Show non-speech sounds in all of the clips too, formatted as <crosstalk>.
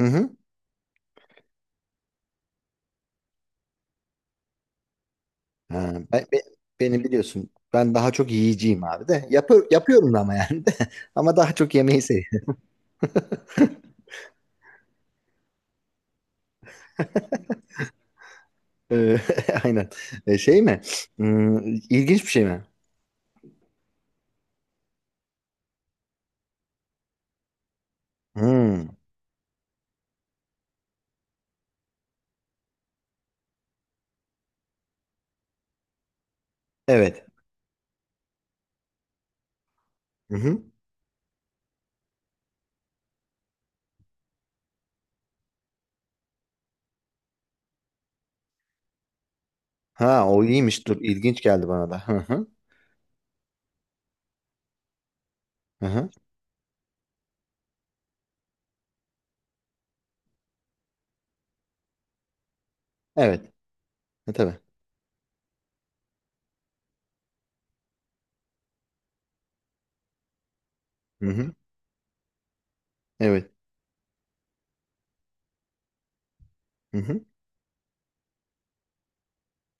Hı hı. Ha, beni biliyorsun. Ben daha çok yiyeceğim abi de. Yapıyorum da ama yani de. <laughs> Ama daha çok yemeği seviyorum. <laughs> Ee, <laughs> Aynen. Şey mi? Hmm, ilginç bir şey mi? Hmm, evet. Hı hı. Ha, o iyiymiş. Dur, ilginç geldi bana da. Hı hı. Hı hı. Evet. Ha, tabii. Hı hı. Evet. Hı hı.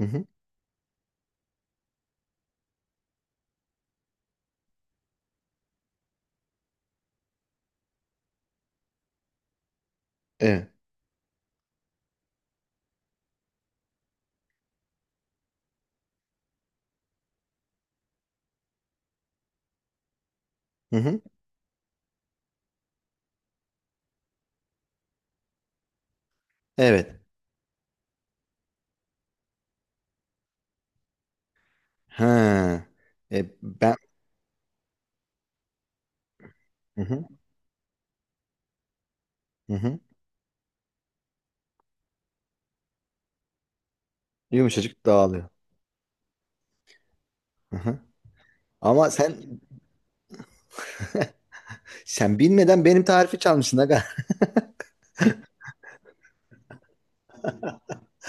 Hı hı. Evet. Hı hı. Evet. Ha. E, ben Hı hı. Hı hı. Yumuşacık dağılıyor. Hı hı. Ama sen <laughs> sen bilmeden benim tarifi çalmışsın aga.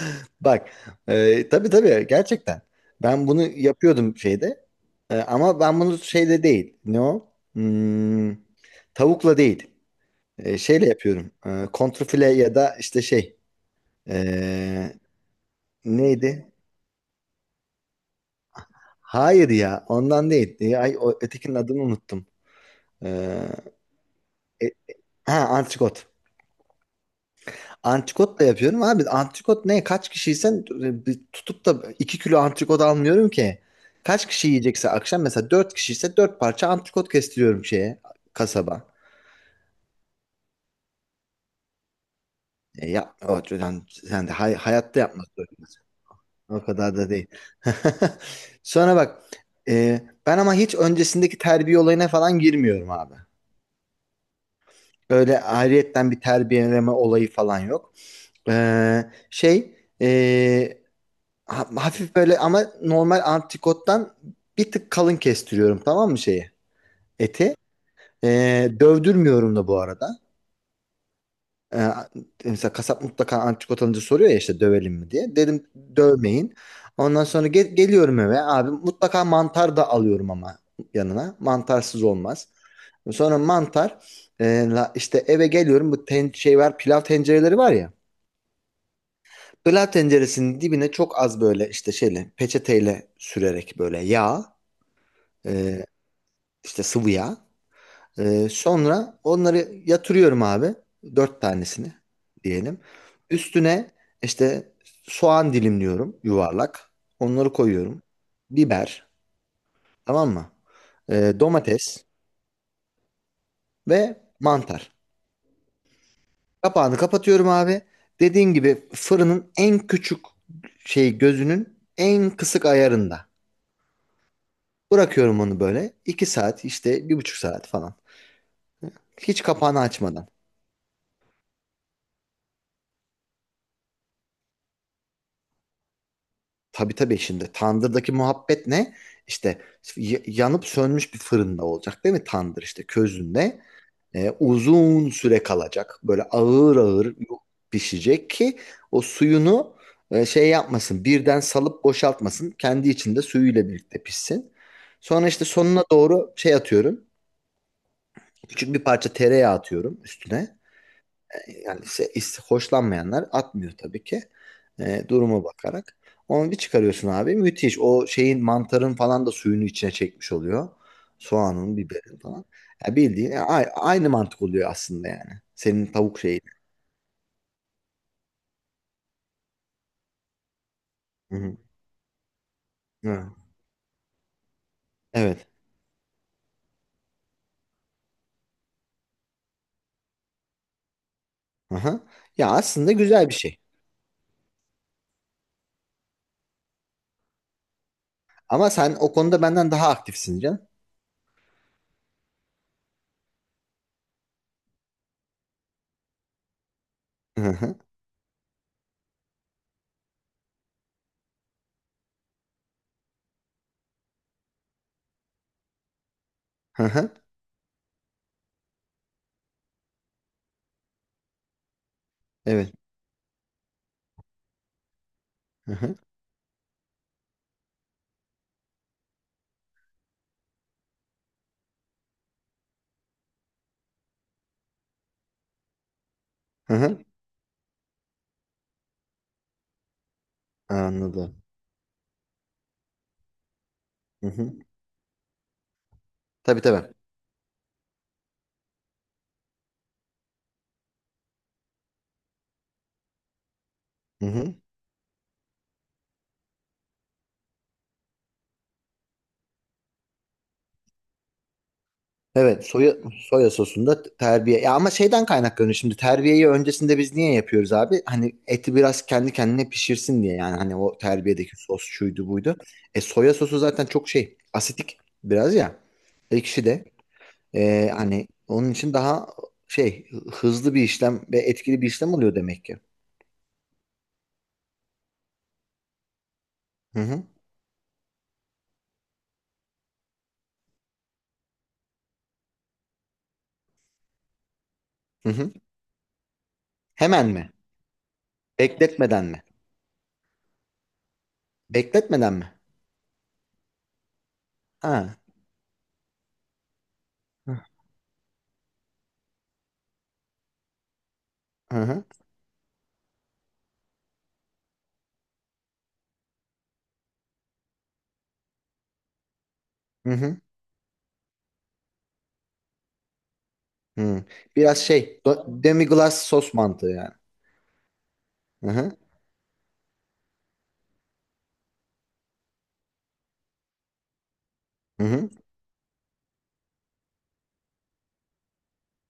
<laughs> Bak. Tabii tabii, gerçekten. Ben bunu yapıyordum şeyde. Ama ben bunu şeyde değil. Ne o? Tavukla değil. Şeyle yapıyorum. Kontrfile ya da işte şey. E, Neydi? Hayır ya, ondan değil. Ay, o, ötekinin adını unuttum. Ee, e- ha, antrikot. Antrikot da yapıyorum abi. Antrikot ne? Kaç kişiysen bir tutup da 2 kilo antrikot almıyorum ki. Kaç kişi yiyecekse akşam mesela dört kişiyse 4 parça antrikot kestiriyorum şeye, kasaba. Ya o, yani sen de hayatta yapmak zorundasın. O kadar da değil. <laughs> Sonra bak, e, ben ama hiç öncesindeki terbiye olayına falan girmiyorum abi. Öyle ayrıyetten bir terbiyeleme olayı falan yok. Ee, şey ee, Hafif böyle ama normal antrikottan bir tık kalın kestiriyorum, tamam mı, şeyi? Eti. Dövdürmüyorum da bu arada. Ee, Mesela kasap mutlaka antrikot alınca soruyor ya, işte dövelim mi diye. Dedim dövmeyin. Ondan sonra geliyorum eve abi, mutlaka mantar da alıyorum ama yanına. Mantarsız olmaz. Sonra mantar, işte eve geliyorum, bu şey var, pilav tencereleri var ya. Pilav tenceresinin dibine çok az böyle işte şeyle, peçeteyle sürerek böyle yağ, e, işte sıvı yağ. Sonra onları yatırıyorum abi. Dört tanesini diyelim. Üstüne işte soğan dilimliyorum yuvarlak. Onları koyuyorum. Biber, tamam mı? Domates ve mantar. Kapağını kapatıyorum abi. Dediğim gibi fırının en küçük gözünün en kısık ayarında. Bırakıyorum onu böyle. 2 saat işte, bir buçuk saat falan. Hiç kapağını açmadan. Tabii tabii, şimdi tandırdaki muhabbet ne? İşte yanıp sönmüş bir fırında olacak değil mi tandır, işte közünde. Uzun süre kalacak. Böyle ağır ağır pişecek ki o suyunu şey yapmasın. Birden salıp boşaltmasın. Kendi içinde suyuyla birlikte pişsin. Sonra işte sonuna doğru şey atıyorum. Küçük bir parça tereyağı atıyorum üstüne, yani hoşlanmayanlar atmıyor tabii ki. Duruma bakarak. Onu bir çıkarıyorsun abi. Müthiş. O şeyin, mantarın falan da suyunu içine çekmiş oluyor. Soğanın, biberin falan. Ya bildiğin ya aynı mantık oluyor aslında yani. Senin tavuk şeyi. Hı hı. Hı. Evet. Aha. Ya aslında güzel bir şey. Ama sen o konuda benden daha aktifsin canım. Hı hı. Hı hı. Evet. Hı hı. Hı hı. Anladım. Hı hı. Tabii tabii. Hı hı. Evet, soya sosunda terbiye. Ya ama şeyden kaynaklanıyor şimdi, terbiyeyi öncesinde biz niye yapıyoruz abi? Hani eti biraz kendi kendine pişirsin diye, yani hani o terbiyedeki sos şuydu buydu. Soya sosu zaten çok şey asitik, biraz ya, ekşi de. Hani onun için daha hızlı bir işlem ve etkili bir işlem oluyor demek ki. Hı hı, hı hı. Hemen mi? Bekletmeden mi? Bekletmeden mi? Ha. Hı hı, hı hı. Hı. Biraz demi glace sos mantığı yani. Hı hı. Hı hı.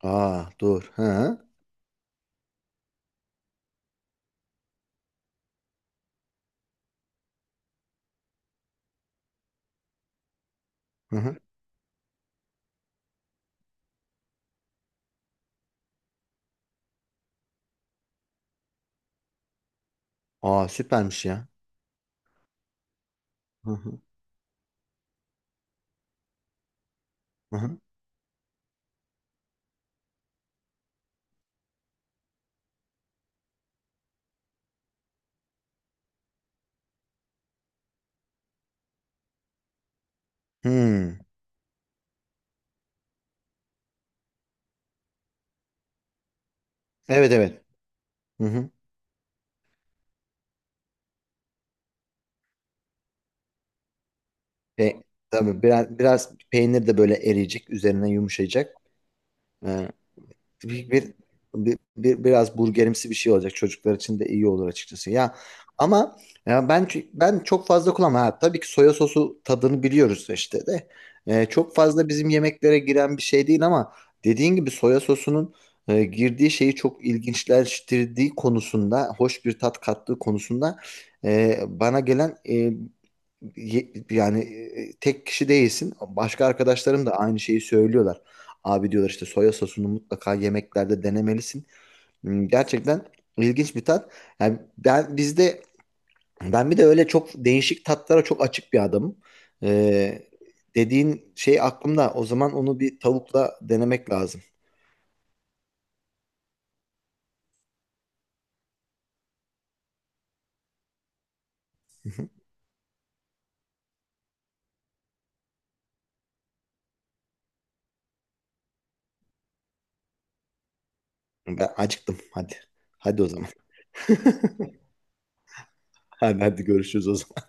Aa, dur. Hı hı. Hı hı. Aa, süpermiş ya. Hı hı. Hı hı. Hmm. Evet evet. Hı hı. E, tabii, biraz peynir de böyle eriyecek. Üzerine yumuşayacak. Ee, bir, bir, Biraz burgerimsi bir şey olacak. Çocuklar için de iyi olur açıkçası. Ya ama ya ben çok fazla kullanmam. Ha, tabii ki soya sosu tadını biliyoruz işte de. Çok fazla bizim yemeklere giren bir şey değil ama dediğin gibi soya sosunun girdiği şeyi çok ilginçleştirdiği konusunda, hoş bir tat kattığı konusunda bana gelen yani, tek kişi değilsin. Başka arkadaşlarım da aynı şeyi söylüyorlar. Abi diyorlar işte soya sosunu mutlaka yemeklerde denemelisin. Gerçekten ilginç bir tat. Yani ben bir de öyle çok değişik tatlara çok açık bir adamım. Ee, Dediğin şey aklımda. O zaman onu bir tavukla denemek lazım. Ben acıktım. Hadi. Hadi o zaman. <laughs> Hadi, hadi görüşürüz o zaman.